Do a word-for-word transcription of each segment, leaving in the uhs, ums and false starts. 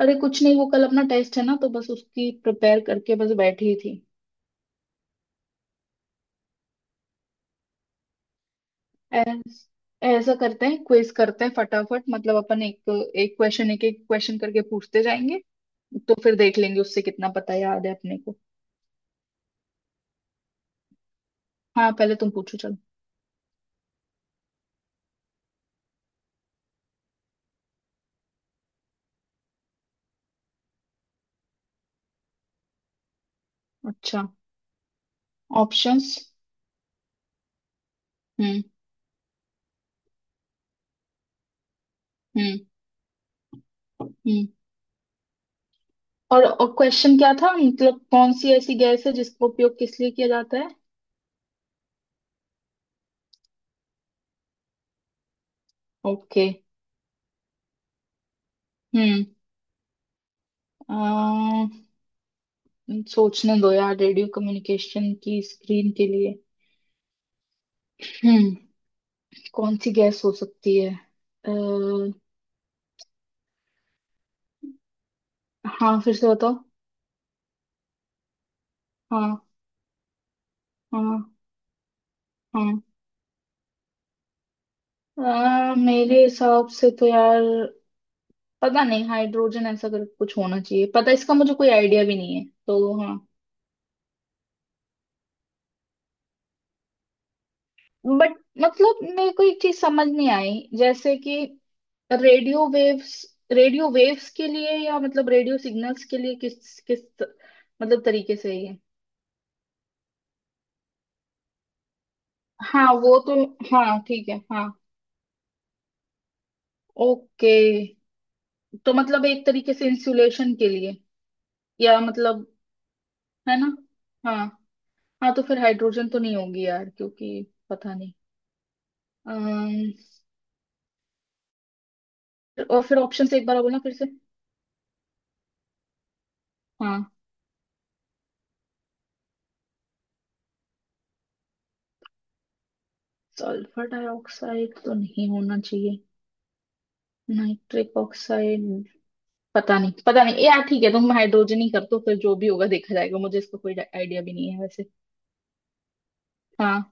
अरे कुछ नहीं, वो कल अपना टेस्ट है ना तो बस उसकी प्रिपेयर करके बस बैठी ही थी। ऐस- ऐसा करते हैं, क्विज करते हैं फटाफट, मतलब अपन एक एक क्वेश्चन एक एक क्वेश्चन करके पूछते जाएंगे, तो फिर देख लेंगे उससे कितना पता याद है अपने को। हाँ पहले तुम पूछो, चलो। अच्छा, ऑप्शंस। हम्म हम्म हम्म। और और क्वेश्चन क्या था, मतलब कौन सी ऐसी गैस है जिसका उपयोग किस लिए किया जाता है। ओके। हम्म। अम, सोचने दो यार, रेडियो कम्युनिकेशन की स्क्रीन के लिए। हम्म। कौन सी गैस हो सकती है। अः हाँ फिर से बताओ। हाँ हाँ हाँ। अ, मेरे हिसाब से तो यार पता नहीं, हाइड्रोजन ऐसा कर कुछ होना चाहिए, पता इसका मुझे कोई आइडिया भी नहीं है तो हाँ। बट मतलब मेरे को एक चीज समझ नहीं आई, जैसे कि रेडियो वेव्स, रेडियो वेव्स के लिए या मतलब रेडियो सिग्नल्स के लिए किस किस मतलब तरीके से ये। हाँ वो तो, हाँ ठीक है, हाँ। ओके, तो मतलब एक तरीके से इंसुलेशन के लिए या मतलब, है ना। हाँ। हाँ तो फिर हाइड्रोजन तो नहीं होगी यार क्योंकि पता नहीं। अम्म, और फिर ऑप्शन से एक बार बोलना फिर से। हाँ। सल्फर डाइऑक्साइड तो नहीं होना चाहिए, नाइट्रिक ऑक्साइड। पता नहीं पता नहीं यार, ठीक है तुम हाइड्रोजन ही कर दो, फिर जो भी होगा देखा जाएगा, मुझे इसका कोई आइडिया भी नहीं है वैसे। हाँ।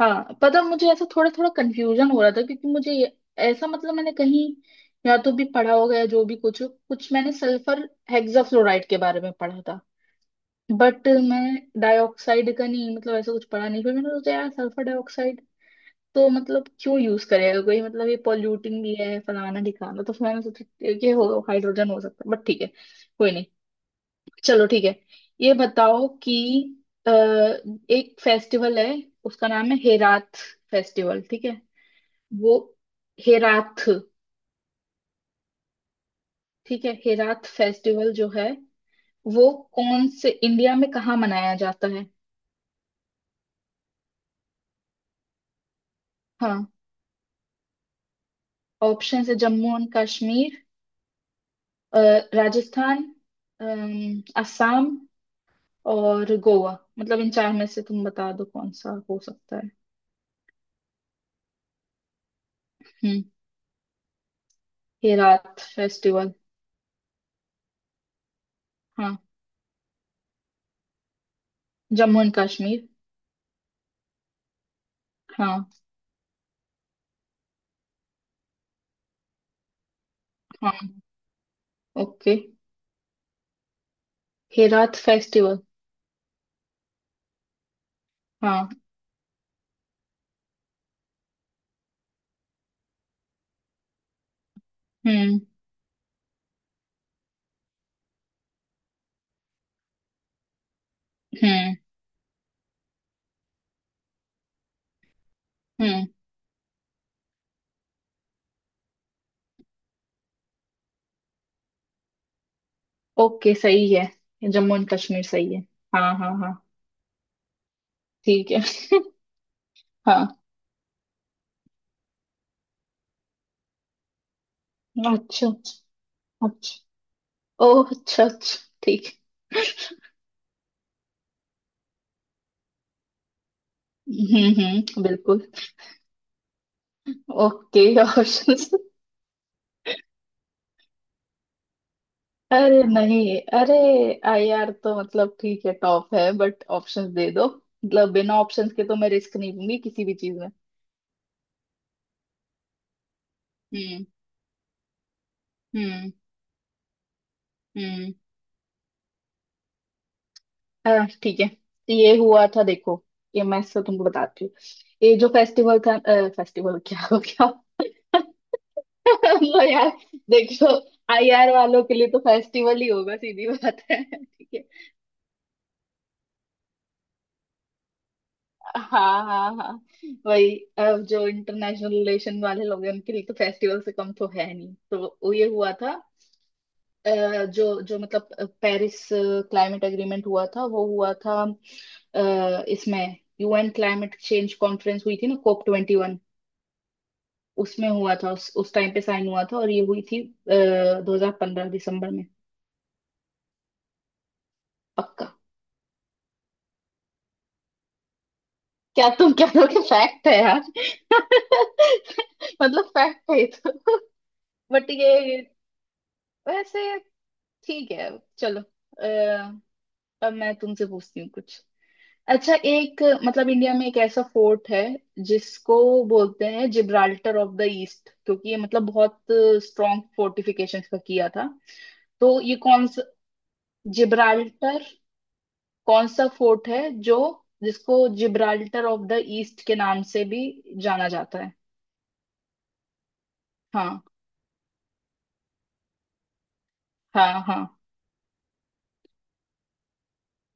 हाँ पता, मुझे ऐसा थोड़ा थोड़ा कंफ्यूजन हो रहा था क्योंकि मुझे ये- ऐसा मतलब मैंने कहीं या तो भी पढ़ा होगा, या जो भी कुछ कुछ मैंने सल्फर हेक्साफ्लोराइड के बारे में पढ़ा था, बट मैं डाइऑक्साइड का नहीं मतलब ऐसा कुछ पढ़ा नहीं, फिर मैंने सोचा यार सल्फर डाइऑक्साइड तो मतलब क्यों यूज करेगा कोई, मतलब ये पॉल्यूटिंग भी है फलाना ढिकाना, तो फिर मैंने सोचा कि हो हाइड्रोजन हो सकता है, बट ठीक है कोई नहीं, चलो ठीक है। ये बताओ कि अ, एक फेस्टिवल है, उसका नाम है हेरात फेस्टिवल, ठीक है। वो हेराथ। ठीक है हेराथ फेस्टिवल जो है वो कौन से इंडिया में कहाँ मनाया जाता है। हाँ, ऑप्शन है जम्मू एंड कश्मीर, अ, राजस्थान, अम, असम और गोवा, मतलब इन चार में से तुम बता दो कौन सा हो सकता है। हम्म। हेराथ फेस्टिवल। हाँ जम्मू एंड कश्मीर। हाँ हाँ। ओके। हेराथ फेस्टिवल। हाँ। हम्म हम्म हम्म। ओके सही है, जम्मू एंड कश्मीर सही है। हाँ हाँ हाँ। ठीक है। हाँ अच्छा अच्छा। ओह अच्छा अच्छा ठीक है। हम्म हम्म बिल्कुल। Okay options. अरे नहीं अरे, आई आर तो मतलब ठीक है टॉप है, बट ऑप्शंस दे दो, मतलब बिना ऑप्शंस के तो मैं रिस्क नहीं लूंगी किसी भी चीज में। हम्म हम्म हम्म। अह, ठीक है। ये हुआ था देखो, ये मैं से तुमको बताती हूँ, ये जो फेस्टिवल था, फेस्टिवल क्या हो गया लो यार, देखो आईआर वालों के लिए तो फेस्टिवल ही होगा, सीधी बात है, ठीक है। हाँ हाँ हाँ। वही अब जो इंटरनेशनल रिलेशन वाले लोग हैं उनके लिए तो फेस्टिवल से कम तो है नहीं, तो वो ये हुआ था। अ, जो जो मतलब अ, पेरिस क्लाइमेट एग्रीमेंट हुआ था वो हुआ था, अ, इसमें यूएन क्लाइमेट चेंज कॉन्फ्रेंस हुई थी ना, कोप ट्वेंटी वन। उसमें हुआ था, उस उस टाइम पे साइन हुआ था, और ये हुई थी दो हजार पंद्रह दिसंबर में। पक्का। क्या तुम कह रहे हो कि फैक्ट है यार मतलब फैक्ट है ये तो। बट ये वैसे ठीक है, चलो अ, अब मैं तुमसे पूछती हूँ कुछ। अच्छा एक मतलब इंडिया में एक ऐसा फोर्ट है जिसको बोलते हैं जिब्राल्टर ऑफ द ईस्ट, क्योंकि ये मतलब बहुत स्ट्रॉन्ग फोर्टिफिकेशंस का किया था। तो ये कौन सा, जिब्राल्टर कौन सा फोर्ट है, जो जिसको जिब्राल्टर ऑफ द ईस्ट के नाम से भी जाना जाता है। हाँ हाँ हाँ,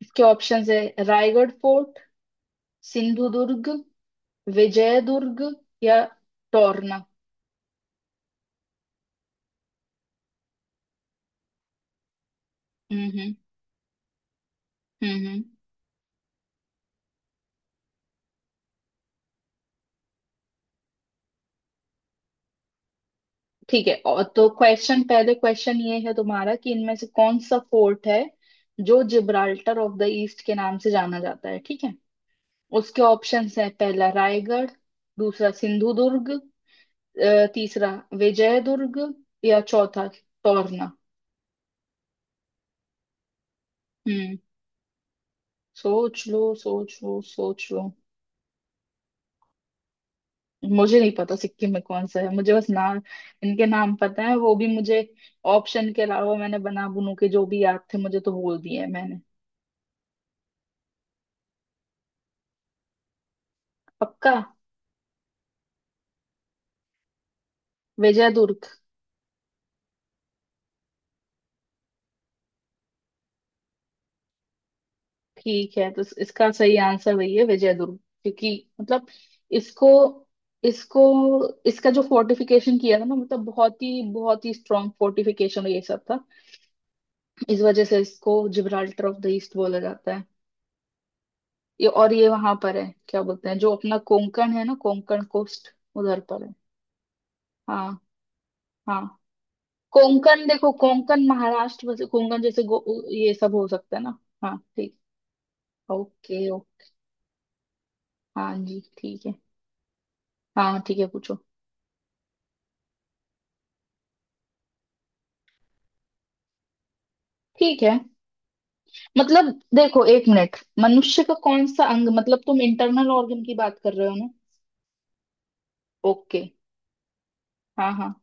इसके ऑप्शंस है Raigad fort, Sindhudurg, Vijaydurg, या टोरना। हम्म हम्म। हम्म हम्म। ठीक है, और तो क्वेश्चन पहले, क्वेश्चन ये है तुम्हारा कि इनमें से कौन सा फोर्ट है जो जिब्राल्टर ऑफ द ईस्ट के नाम से जाना जाता है, ठीक है। उसके ऑप्शंस है, पहला रायगढ़, दूसरा सिंधु दुर्ग, अ, तीसरा विजय दुर्ग, या चौथा टोरना। हम्म। सोच लो सोच लो सोच लो। मुझे नहीं पता सिक्किम में कौन सा है, मुझे बस नाम, इनके नाम पता है वो भी मुझे ऑप्शन के अलावा, मैंने बना बुनू के जो भी याद थे मुझे तो बोल दिए हैं मैंने। पक्का। विजयदुर्ग। ठीक है तो इस- इसका सही आंसर वही है, विजयदुर्ग। क्योंकि मतलब इसको इसको इसका जो फोर्टिफिकेशन किया था ना, मतलब बहुत ही बहुत ही स्ट्रांग फोर्टिफिकेशन ये सब था, इस वजह से इसको जिब्राल्टर ऑफ द ईस्ट बोला जाता है। ये और ये वहां पर है क्या बोलते हैं, जो अपना कोंकण है ना, कोंकण कोस्ट उधर पर है। हाँ हाँ, कोंकण देखो, कोंकण महाराष्ट्र, वैसे कोंकण जैसे गो, ये सब हो सकता है ना। हाँ ठीक। ओके ओ हाँ जी ठीक है। हाँ ठीक है पूछो। ठीक है, मतलब देखो एक मिनट, मनुष्य का कौन सा अंग, मतलब तुम इंटरनल ऑर्गन की बात कर रहे हो ना। ओके। हाँ हाँ।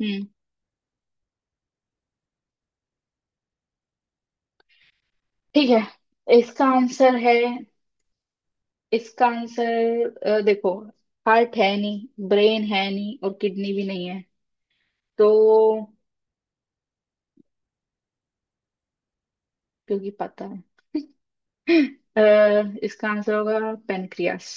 हम्म। ठीक है इसका आंसर है, इसका आंसर अ, देखो हार्ट है नहीं, ब्रेन है नहीं, और किडनी भी नहीं है। तो क्योंकि पता है, अ, इसका आंसर होगा पेनक्रियास।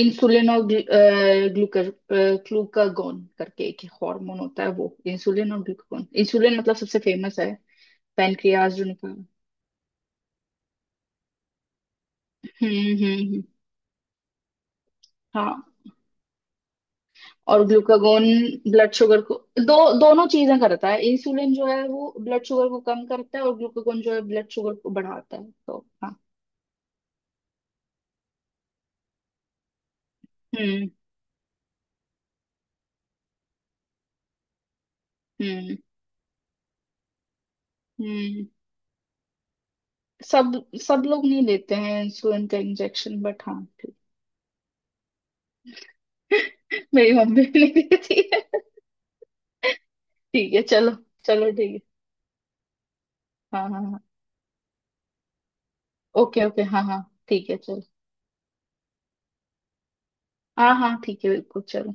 इंसुलिन और ग्लूकर ग्लूकागोन करके एक हार्मोन होता है, वो इंसुलिन और ग्लूकागोन, इंसुलिन मतलब सबसे फेमस है, पेनक्रियास जो निकल। हम्म हम्म हम्म, हाँ। और ग्लूकागोन ब्लड शुगर को, दो दोनों चीजें करता है, इंसुलिन जो है वो ब्लड शुगर को कम करता है, और ग्लूकागोन जो है ब्लड शुगर को बढ़ाता है, तो हाँ। हम्म हम्म हम्म। सब सब लोग नहीं लेते हैं इंसुलिन का इंजेक्शन, बट हाँ। मेरी मम्मी भी नहीं देती है, ठीक है चलो। चलो ठीक है हाँ हाँ हाँ, ओके ओके हाँ okay, okay, हाँ हाँ। ठीक है चलो, हाँ हाँ ठीक है बिल्कुल चलो।